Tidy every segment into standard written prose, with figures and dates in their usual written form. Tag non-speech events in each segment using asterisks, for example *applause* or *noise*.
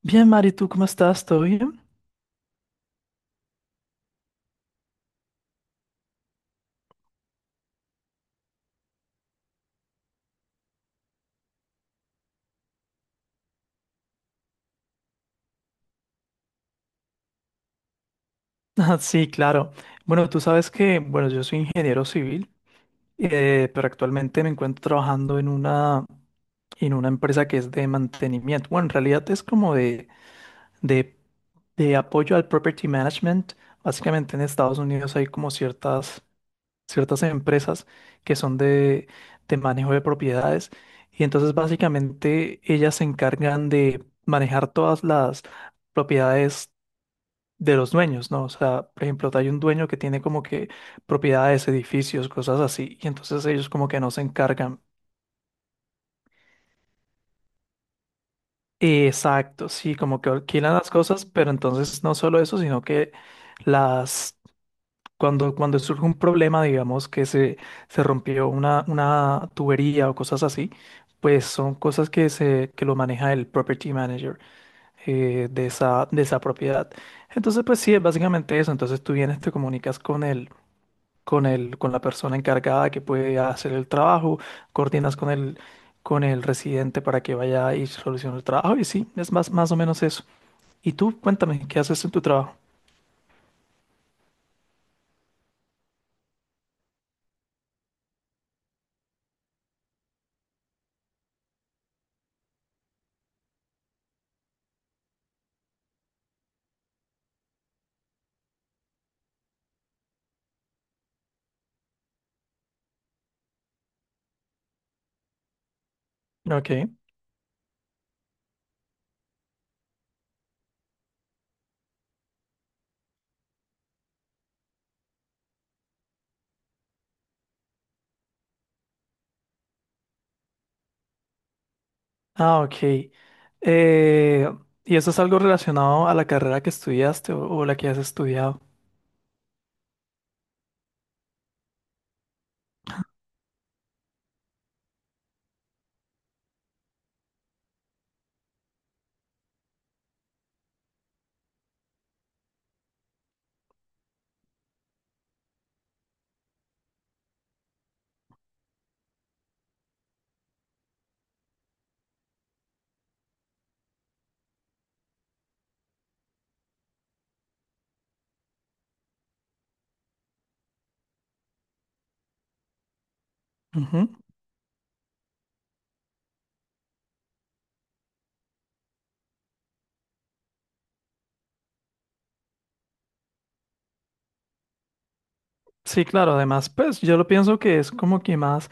Bien, Mari, ¿tú cómo estás? ¿Todo bien? *laughs* Ah, sí, claro. Bueno, tú sabes que, bueno, yo soy ingeniero civil, pero actualmente me encuentro trabajando en una empresa que es de mantenimiento. Bueno, en realidad es como de, de, de apoyo al property management. Básicamente en Estados Unidos hay como ciertas, ciertas empresas que son de manejo de propiedades, y entonces básicamente ellas se encargan de manejar todas las propiedades de los dueños, ¿no? O sea, por ejemplo, hay un dueño que tiene como que propiedades, edificios, cosas así, y entonces ellos como que no se encargan. Exacto, sí, como que alquilan las cosas, pero entonces no solo eso, sino que las... Cuando surge un problema, digamos que se rompió una tubería o cosas así, pues son cosas que, se, que lo maneja el property manager de esa propiedad. Entonces, pues sí, es básicamente eso. Entonces tú vienes, te comunicas con él, con el, con la persona encargada que puede hacer el trabajo, coordinas con el residente para que vaya y solucione el trabajo. Y sí, es más, más o menos eso. Y tú, cuéntame, ¿qué haces en tu trabajo? Ok. Ah, ok. Eh, ¿Y eso es algo relacionado a la carrera que estudiaste o la que has estudiado? Ujú. Sí, claro, además, pues yo lo pienso que es como que más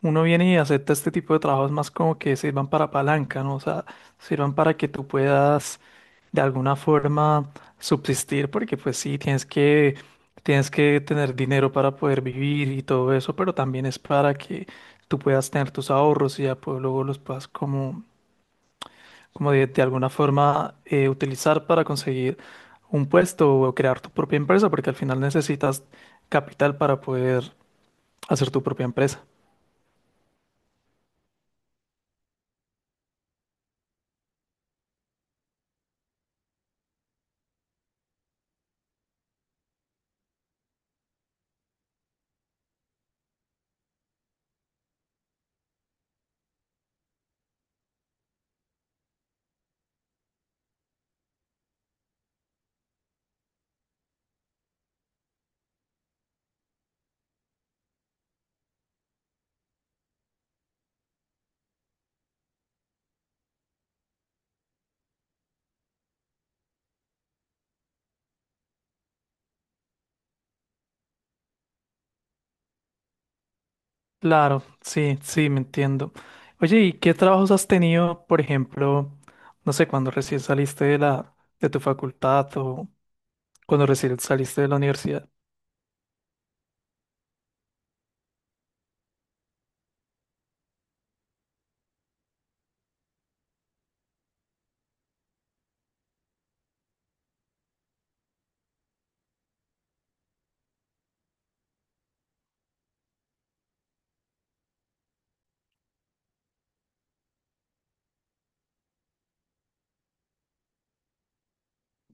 uno viene y acepta este tipo de trabajos más como que sirvan para palanca, ¿no? O sea, sirvan para que tú puedas de alguna forma subsistir, porque pues sí, tienes que tener dinero para poder vivir y todo eso, pero también es para que tú puedas tener tus ahorros y ya pues, luego los puedas como, como de alguna forma utilizar para conseguir un puesto o crear tu propia empresa, porque al final necesitas capital para poder hacer tu propia empresa. Claro, sí, sí, me entiendo. Oye, ¿y qué trabajos has tenido, por ejemplo, no sé, cuando recién saliste de la, de tu facultad o cuando recién saliste de la universidad?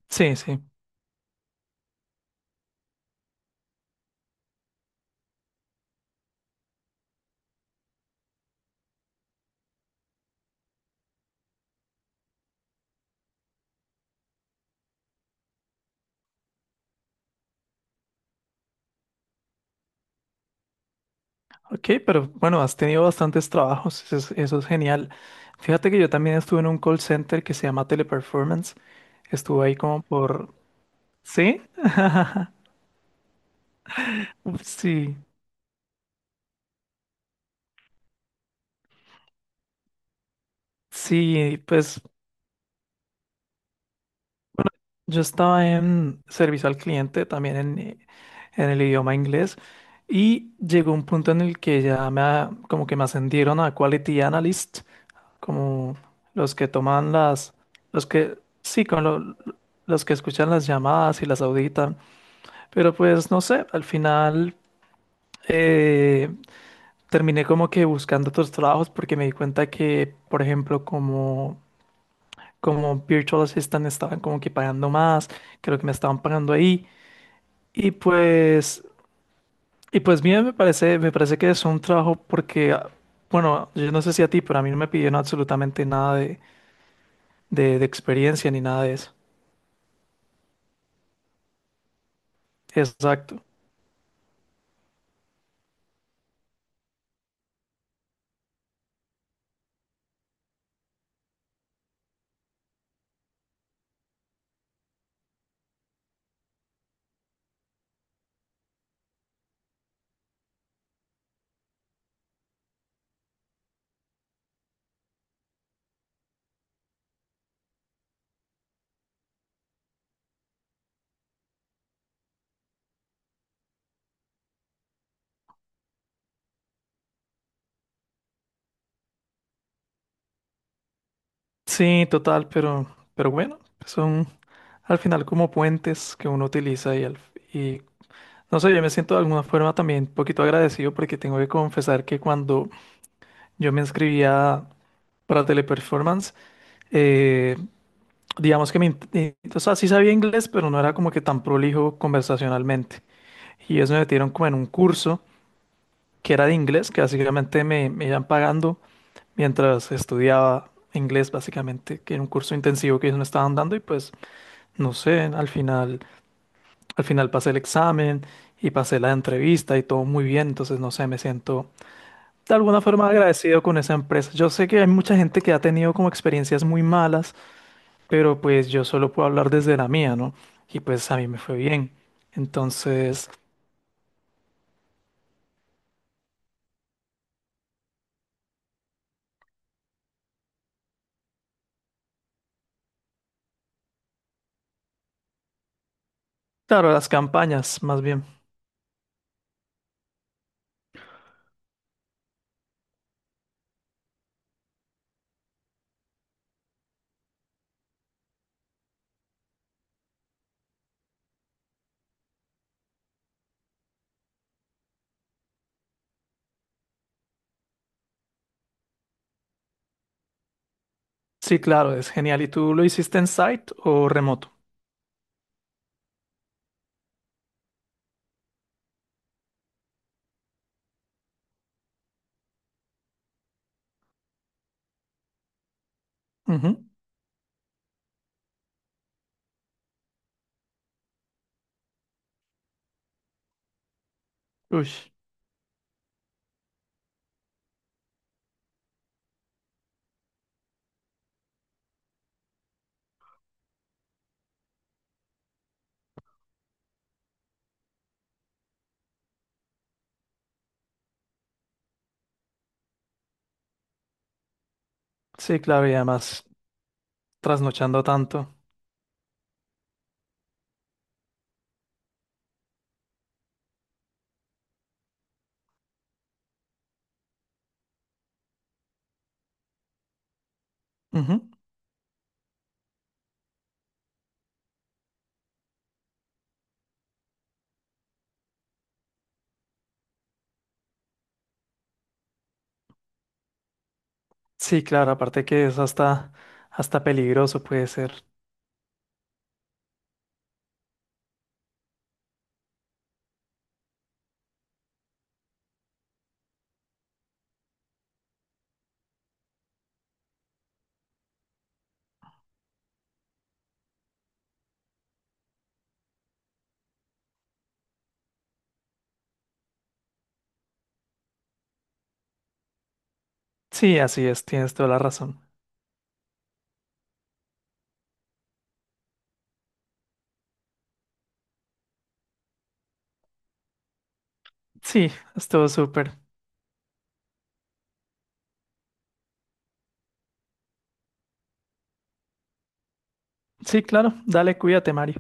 Sí, sí. Ok, pero bueno, has tenido bastantes trabajos, eso es genial. Fíjate que yo también estuve en un call center que se llama Teleperformance. Estuve ahí como por... ¿Sí? Uf, sí, sí, pues yo estaba en servicio al cliente, también en el idioma inglés, y llegó un punto en el que ya me, como que me ascendieron a Quality Analyst, como los que toman las, los que, sí, los que escuchan las llamadas y las auditan, pero pues no sé, al final eh, terminé como que buscando otros trabajos porque me di cuenta que, por ejemplo, como, como Virtual Assistant estaban como que pagando más que lo que me estaban pagando ahí. Y pues, y pues bien, me parece que es un trabajo porque, ah, bueno, yo no sé si a ti, pero a mí no me pidieron absolutamente nada de, de experiencia ni nada de eso. Exacto. Sí, total, pero bueno, son al final como puentes que uno utiliza y, y no sé, yo me siento de alguna forma también un poquito agradecido porque tengo que confesar que cuando yo me inscribía para Teleperformance, eh, digamos que me, o sea, sí sabía inglés, pero no era como que tan prolijo conversacionalmente. Y eso me metieron como en un curso que era de inglés, que básicamente me, me iban pagando mientras estudiaba inglés, básicamente, que era un curso intensivo que ellos me estaban dando y pues, no sé, al final pasé el examen y pasé la entrevista y todo muy bien, entonces, no sé, me siento de alguna forma agradecido con esa empresa. Yo sé que hay mucha gente que ha tenido como experiencias muy malas, pero pues yo solo puedo hablar desde la mía, ¿no? Y pues a mí me fue bien. Entonces, claro, las campañas, más bien. Sí, claro, es genial. ¿Y tú lo hiciste en site o remoto? Ujú. Uy, sí, claro, y además trasnochando tanto. Ujú. Sí, claro, aparte que es hasta, hasta peligroso puede ser. Sí, así es, tienes toda la razón. Sí, estuvo súper. Sí, claro, dale, cuídate, Mari.